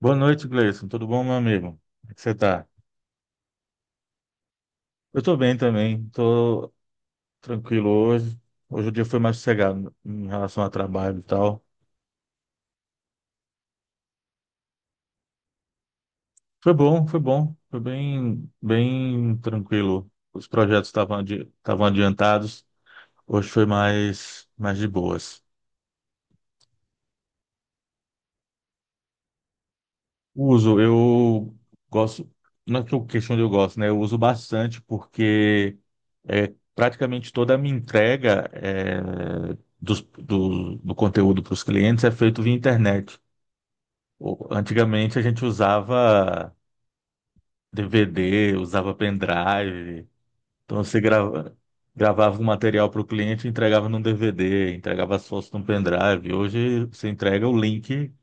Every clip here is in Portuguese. Boa noite, Gleison. Tudo bom, meu amigo? Como é que você tá? Eu tô bem também, tô tranquilo hoje. Hoje o dia foi mais sossegado em relação ao trabalho e tal. Foi bom, foi bom. Foi bem, bem tranquilo. Os projetos estavam adiantados. Hoje foi mais de boas. Uso, eu gosto, não é que eu questão de eu gosto, né? Eu uso bastante porque é, praticamente toda a minha entrega do conteúdo para os clientes é feito via internet. Antigamente a gente usava DVD, usava pendrive, então gravava um material para o cliente e entregava num DVD, entregava as fotos num pendrive. Hoje você entrega o link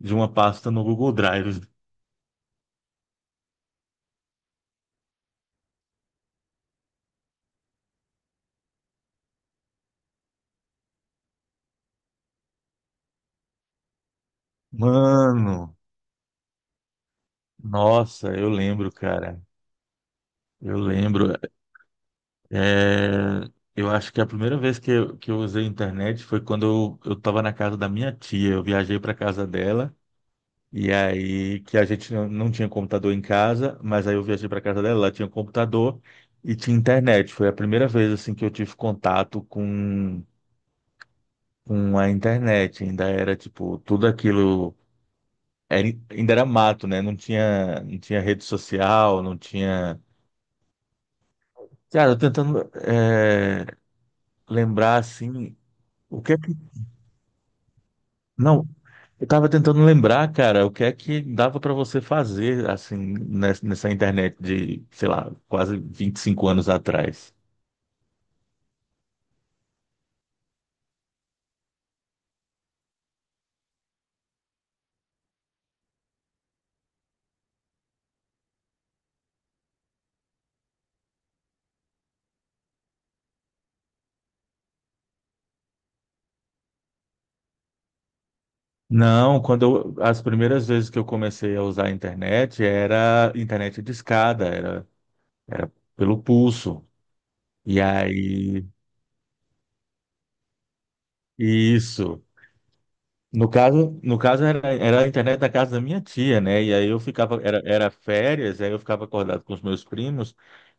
de uma pasta no Google Drive. Mano! Nossa, eu lembro, cara. Eu lembro. É, Eu acho que a primeira vez que eu usei internet foi quando eu estava na casa da minha tia. Eu viajei para casa dela e aí que a gente não tinha computador em casa, mas aí eu viajei para casa dela, ela tinha um computador e tinha internet. Foi a primeira vez assim que eu tive contato com a internet. Ainda era tipo tudo aquilo ainda era mato, né? Não tinha não tinha rede social, não tinha. Cara, eu tentando é, lembrar assim, o que é que. Não, eu tava tentando lembrar, cara, o que é que dava para você fazer assim nessa internet de, sei lá, quase 25 anos atrás. Não, quando eu, as primeiras vezes que eu comecei a usar a internet era internet discada, era pelo pulso. E aí, isso. No caso era a internet da casa da minha tia, né? E aí eu ficava, era férias, aí eu ficava acordado com os meus primos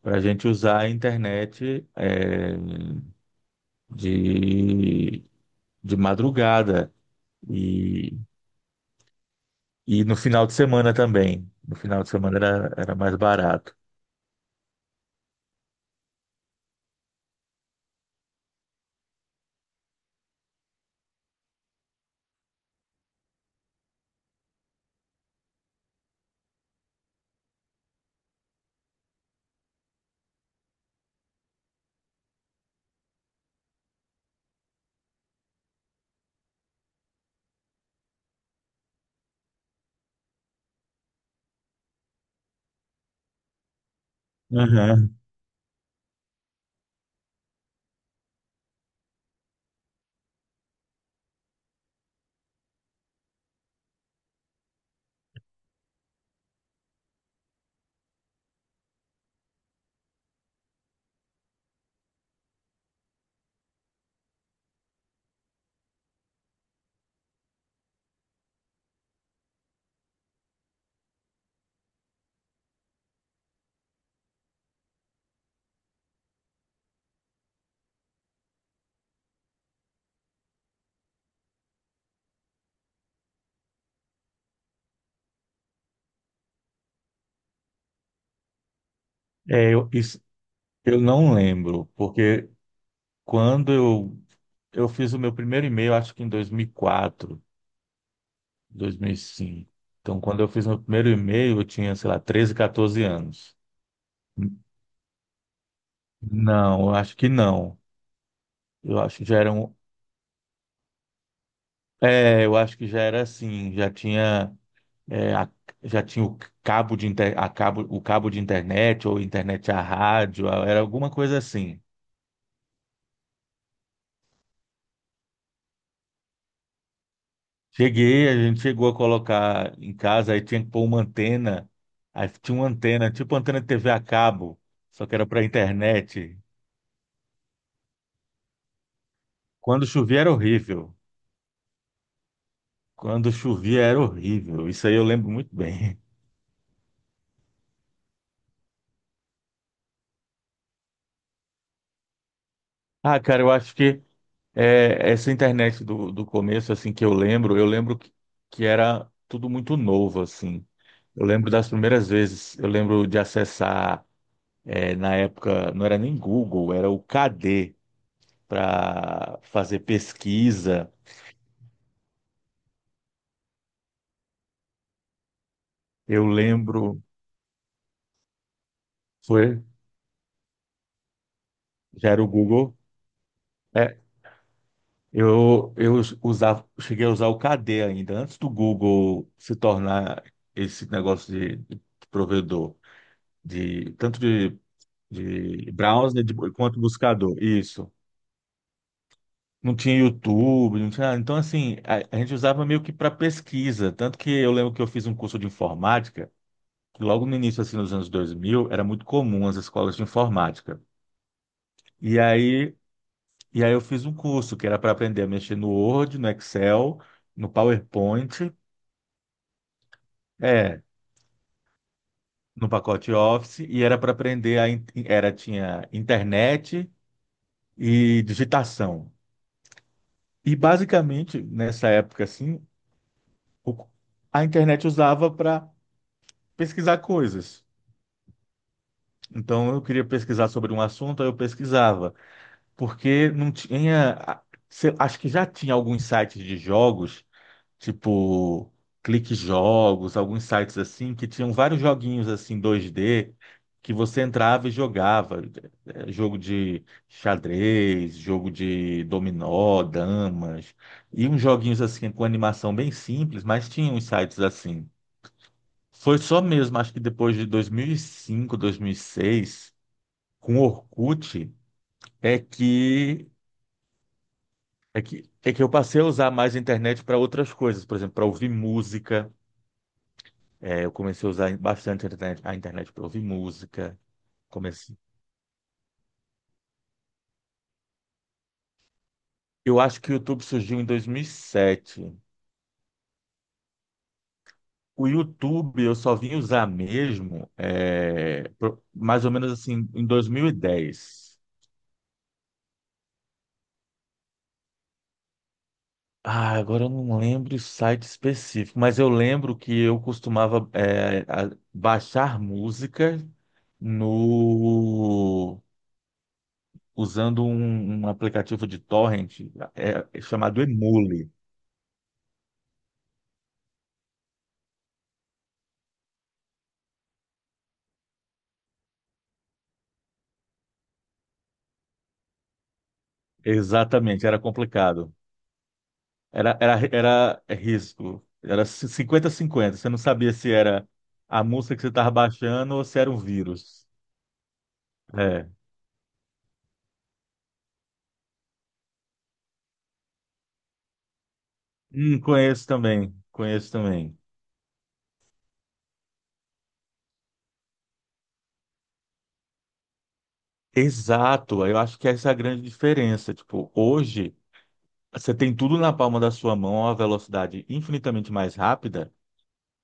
para a gente usar a internet de, de madrugada e, e no final de semana também. No final de semana era mais barato. Uhum. É, eu, isso, eu não lembro, porque quando eu, eu fiz o meu primeiro e-mail, acho que em dois mil e quatro, 2005. Então, quando eu fiz meu primeiro e-mail, eu tinha, sei lá, 13, 14 anos. N- Não, eu acho que não. Eu acho que já era um... É, eu acho que já era assim, já tinha, é, a- já tinha o cabo de inter... a cabo... o cabo de internet ou internet à rádio, era alguma coisa assim. Cheguei, a gente chegou a colocar em casa, aí tinha que pôr uma antena, aí tinha uma antena, tipo antena de TV a cabo, só que era para internet. Quando chovia era horrível. Quando chovia era horrível. Isso aí eu lembro muito bem. Ah, cara, eu acho que essa internet do começo, assim, que eu lembro que era tudo muito novo, assim. Eu lembro das primeiras vezes, eu lembro de acessar, na época, não era nem Google, era o KD para fazer pesquisa. Eu lembro, foi, já era o Google. É, eu usava, cheguei a usar o KD ainda, antes do Google se tornar esse negócio de provedor, de, tanto de, de quanto buscador. Isso. Não tinha YouTube, não tinha. Então, assim, a gente usava meio que para pesquisa. Tanto que eu lembro que eu fiz um curso de informática, que logo no início, assim, nos anos 2000 era muito comum as escolas de informática. E aí, e aí eu fiz um curso que era para aprender a mexer no Word, no Excel, no PowerPoint. É, no pacote Office e era para aprender a in- era tinha internet e digitação. E basicamente nessa época assim, o- a internet usava para pesquisar coisas. Então eu queria pesquisar sobre um assunto, aí eu pesquisava, porque não tinha, acho que já tinha alguns sites de jogos tipo Clique Jogos, alguns sites assim que tinham vários joguinhos assim 2D que você entrava e jogava. Jogo de xadrez, jogo de dominó, damas, e uns joguinhos assim com animação bem simples, mas tinha uns sites assim. Foi só mesmo, acho que depois de 2005, 2006, com Orkut, é que é que eu passei a usar mais a internet para outras coisas, por exemplo, para ouvir música. É, eu comecei a usar bastante a internet para ouvir música. Comecei. Eu acho que o YouTube surgiu em 2007. O YouTube eu só vim usar mesmo mais ou menos assim em 2010. Ah, agora eu não lembro o site específico, mas eu lembro que eu costumava baixar música no usando um aplicativo de torrent chamado Emule. Exatamente, era complicado. Era risco. Era 50, cinquenta. Você não sabia se era a música que você estava baixando ou se era um vírus. É. Conheço também. Conheço também. Exato. Eu acho que essa é a grande diferença. Tipo, hoje, você tem tudo na palma da sua mão a uma velocidade infinitamente mais rápida.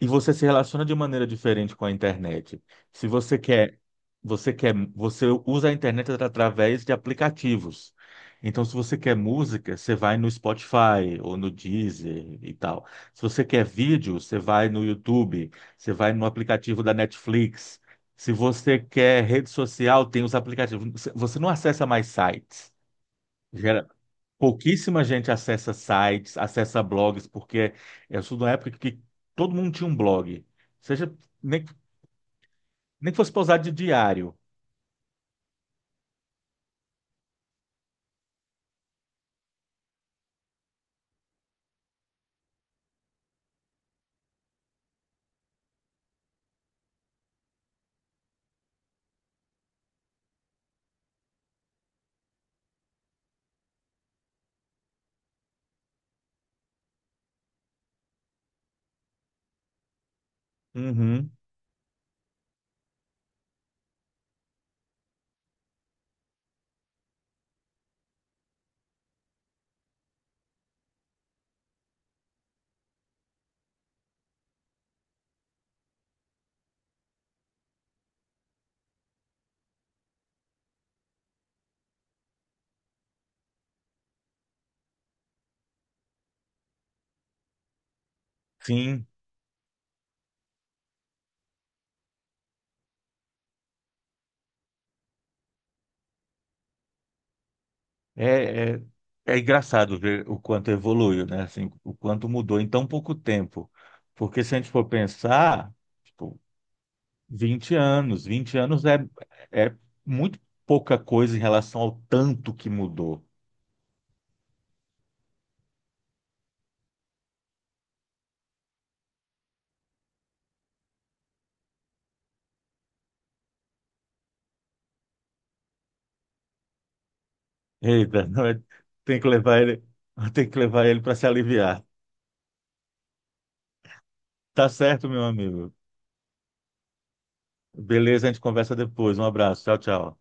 E você se relaciona de maneira diferente com a internet. Se você quer, você quer, você usa a internet através de aplicativos. Então, se você quer música, você vai no Spotify ou no Deezer e tal. Se você quer vídeo, você vai no YouTube, você vai no aplicativo da Netflix. Se você quer rede social, tem os aplicativos. Você não acessa mais sites. Pouquíssima gente acessa sites, acessa blogs, porque eu sou de uma época que todo mundo tinha um blog. Seja, nem, nem que fosse para usar de diário. Uhum, sim. É, é, é engraçado ver o quanto evoluiu, né? Assim, o quanto mudou em tão pouco tempo. Porque se a gente for pensar, tipo, 20 anos é muito pouca coisa em relação ao tanto que mudou. Eita, não é- tem que levar ele, tem que levar ele para se aliviar. Tá certo, meu amigo. Beleza, a gente conversa depois. Um abraço. Tchau, tchau.